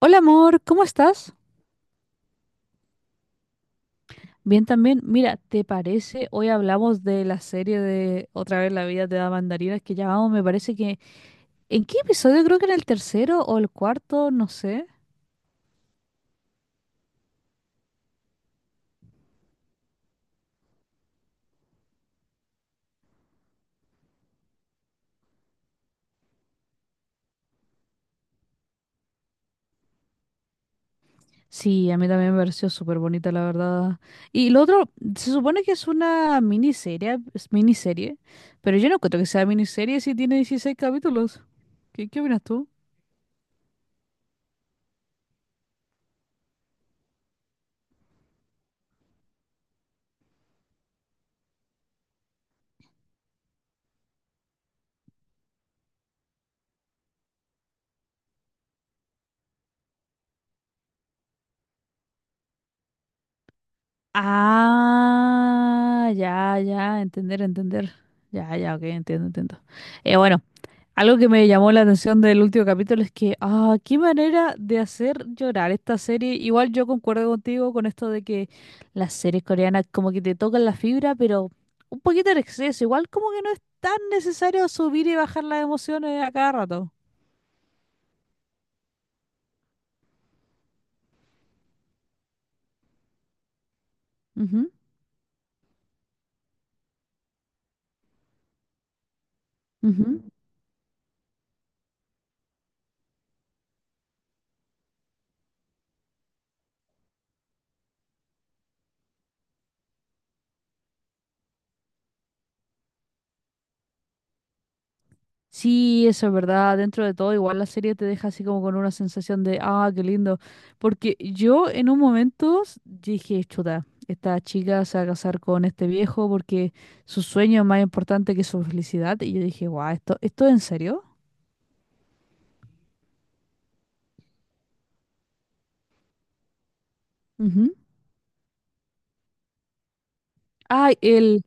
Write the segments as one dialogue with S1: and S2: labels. S1: Hola amor, ¿cómo estás? Bien también. Mira, ¿te parece? Hoy hablamos de la serie de Otra vez la vida te da mandarinas que ya vamos, me parece que... ¿En qué episodio? Creo que en el tercero o el cuarto, no sé. Sí, a mí también me pareció súper bonita, la verdad. Y lo otro, se supone que es una miniserie, es miniserie, pero yo no encuentro que sea miniserie si tiene 16 capítulos. ¿Qué opinas tú? Ah, ya, ya, entender, entender. Ya, ya, ok, entiendo, entiendo. Bueno, algo que me llamó la atención del último capítulo es que, ah, qué manera de hacer llorar esta serie. Igual yo concuerdo contigo con esto de que las series coreanas como que te tocan la fibra, pero un poquito en exceso. Igual como que no es tan necesario subir y bajar las emociones a cada rato. Ujú, ujú. Sí, eso es verdad. Dentro de todo, igual la serie te deja así como con una sensación de, ah, qué lindo. Porque yo en un momento dije, chuta, esta chica se va a casar con este viejo porque su sueño es más importante que su felicidad. Y yo dije, guau, ¿esto es en serio? Ujú. Ah, el,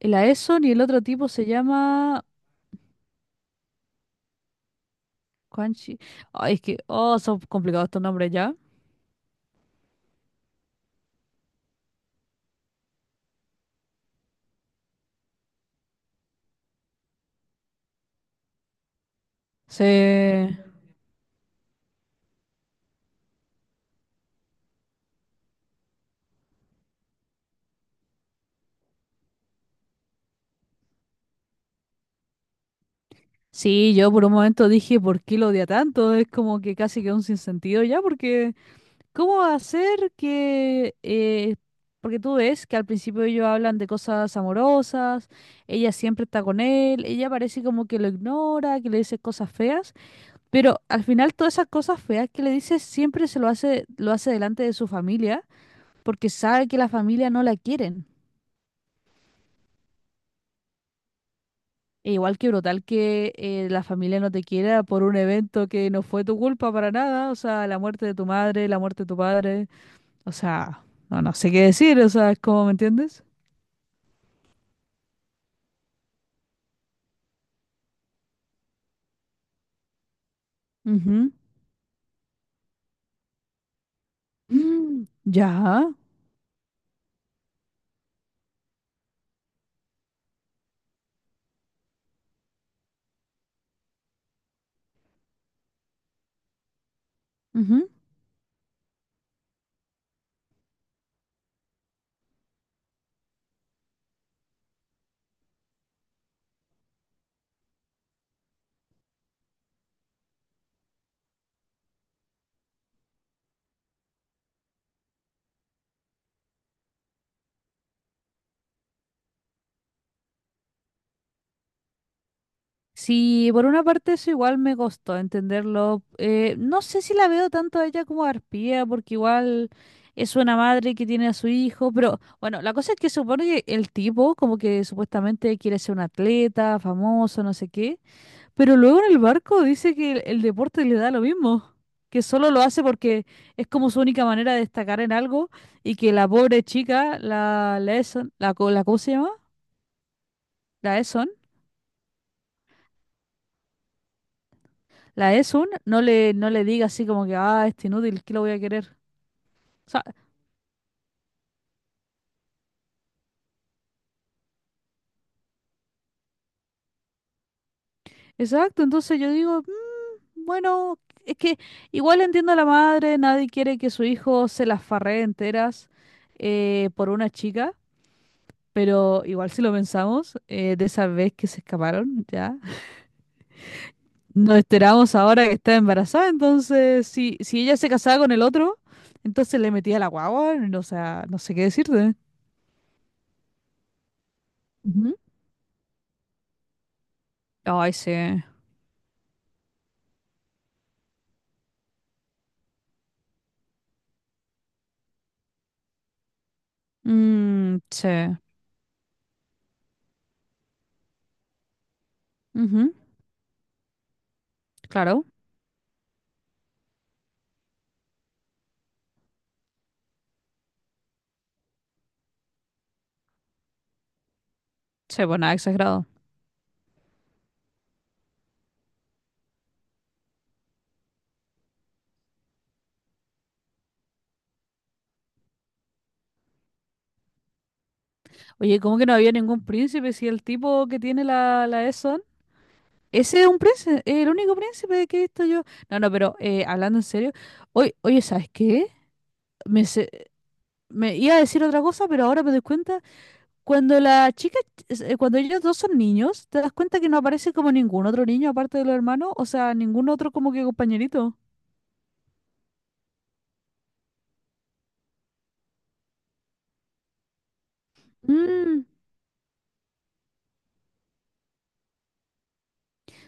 S1: el Aeson y el otro tipo se llama Quanchi. Ay, es que, oh, son complicados estos nombres ya. Sí, sí, yo por un momento dije, ¿por qué lo odia tanto? Es como que casi que un sinsentido ya, porque... ¿Cómo va a ser que, porque tú ves que al principio ellos hablan de cosas amorosas, ella siempre está con él, ella parece como que lo ignora, que le dice cosas feas, pero al final todas esas cosas feas que le dice siempre se lo hace delante de su familia, porque sabe que la familia no la quieren. E igual que brutal que la familia no te quiera por un evento que no fue tu culpa para nada, o sea, la muerte de tu madre, la muerte de tu padre, o sea, no sé qué decir, o sea, ¿cómo ¿me entiendes? Ujú. Mm, ya, ujú. Sí, por una parte eso igual me costó entenderlo. No sé si la veo tanto a ella como a Arpía, porque igual es una madre que tiene a su hijo, pero bueno, la cosa es que supone que el tipo como que supuestamente quiere ser un atleta, famoso, no sé qué, pero luego en el barco dice que el deporte le da lo mismo, que solo lo hace porque es como su única manera de destacar en algo y que la pobre chica, la Lesson, la, co- la ¿cómo se llama? La Eson, la Esun no le diga así como que, ah, este inútil, ¿qué lo voy a querer? O sea, exacto, entonces yo digo, "Mm, bueno, es que igual entiendo a la madre, nadie quiere que su hijo se las farree enteras por una chica, pero igual si lo pensamos, de esa vez que se escaparon, ya, nos enteramos ahora que está embarazada, entonces si ella se casaba con el otro, entonces le metía la guagua, no, o sea, no sé qué decirte. Ujú. Ay, sí. Mm, sí. Ujú, claro. Sí, pues nada, exagerado. Oye, ¿cómo que no había ningún príncipe si el tipo que tiene la Eson? Ese es un príncipe, el único príncipe que he visto yo. No, no, pero hablando en serio, oye, oye, ¿sabes qué? Me, se- me iba a decir otra cosa, pero ahora me doy cuenta, cuando la chica, cuando ellos dos son niños, te das cuenta que no aparece como ningún otro niño aparte de los hermanos, o sea, ningún otro como que compañerito. Mm.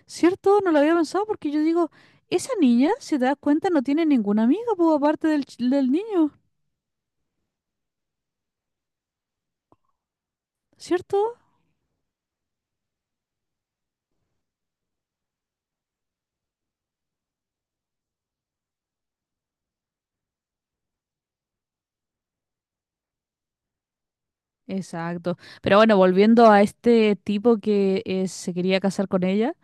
S1: ¿Cierto? No lo había pensado porque yo digo, esa niña, si te das cuenta, no tiene ninguna amiga, pues, aparte del niño, ¿cierto? Exacto. Pero bueno, volviendo a este tipo que se quería casar con ella,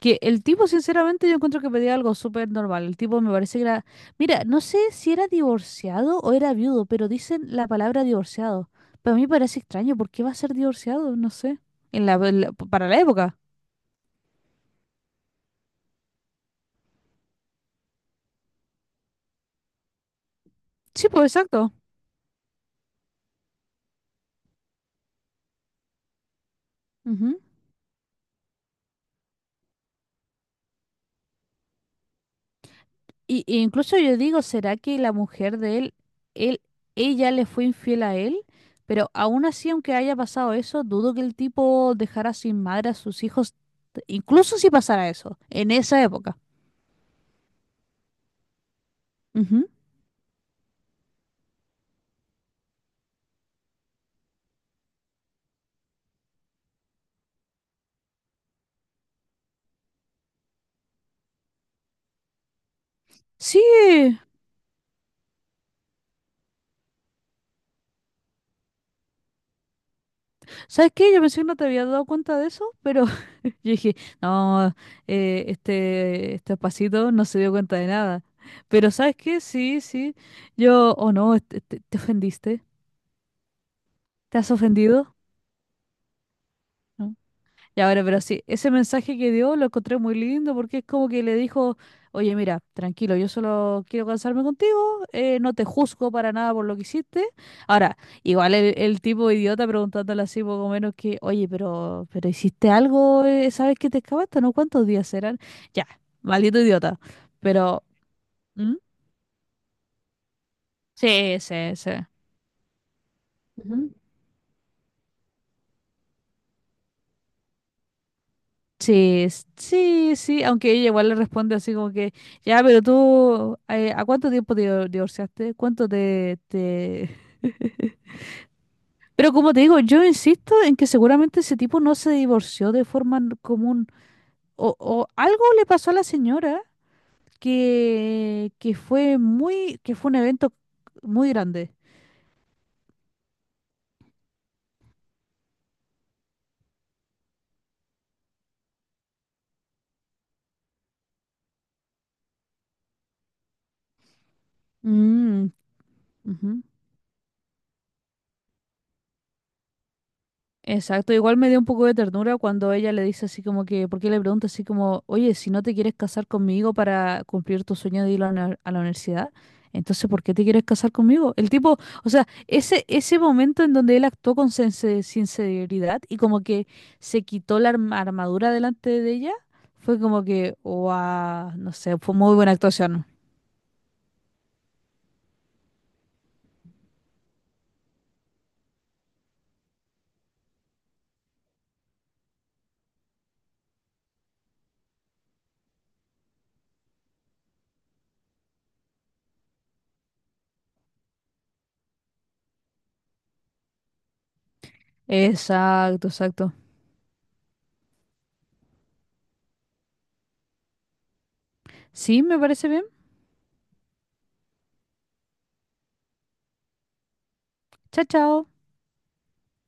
S1: que el tipo, sinceramente, yo encuentro que pedía algo súper normal. El tipo me parece que era, mira, no sé si era divorciado o era viudo, pero dicen la palabra divorciado. Para mí parece extraño, ¿por qué va a ser divorciado? No sé. Para la época. Sí, pues, exacto. Y incluso yo digo, ¿será que la mujer de él, él, ella le fue infiel a él? Pero aún así, aunque haya pasado eso, dudo que el tipo dejara sin madre a sus hijos, incluso si pasara eso, en esa época. Ujú. Sí, ¿sabes qué? Yo pensé que no te había dado cuenta de eso, pero yo dije, no, este pasito no se dio cuenta de nada. Pero ¿sabes qué? Sí, sí, yo, oh no, te ofendiste, ¿te has ofendido? ¿No? Ya, bueno, pero sí, ese mensaje que dio lo encontré muy lindo porque es como que le dijo, oye, mira, tranquilo, yo solo quiero cansarme contigo, no te juzgo para nada por lo que hiciste. Ahora, igual el tipo idiota preguntándole así poco menos que, oye, pero hiciste algo, ¿sabes que te escapaste? ¿No? ¿Cuántos días eran? Ya, maldito idiota. Pero, ¿mm? Sí, sí, sí. Sí, sí, sí, aunque ella igual le responde así como que, ya, pero tú, ¿a cuánto tiempo te divorciaste? ¿Cuánto te, te... Pero como te digo, yo insisto en que seguramente ese tipo no se divorció de forma común. O algo le pasó a la señora que fue muy, que fue un evento muy grande. Mm, ujú. Exacto, igual me dio un poco de ternura cuando ella le dice así como que, porque le pregunta así como, oye, si no te quieres casar conmigo para cumplir tu sueño de ir a la, a la universidad, entonces ¿por qué te quieres casar conmigo? El tipo, o sea, ese momento en donde él actuó con sinceridad y como que se quitó la armadura delante de ella, fue como que, wow, no sé, fue muy buena actuación. Exacto, exacto. Sí, me parece bien. Chao, chao.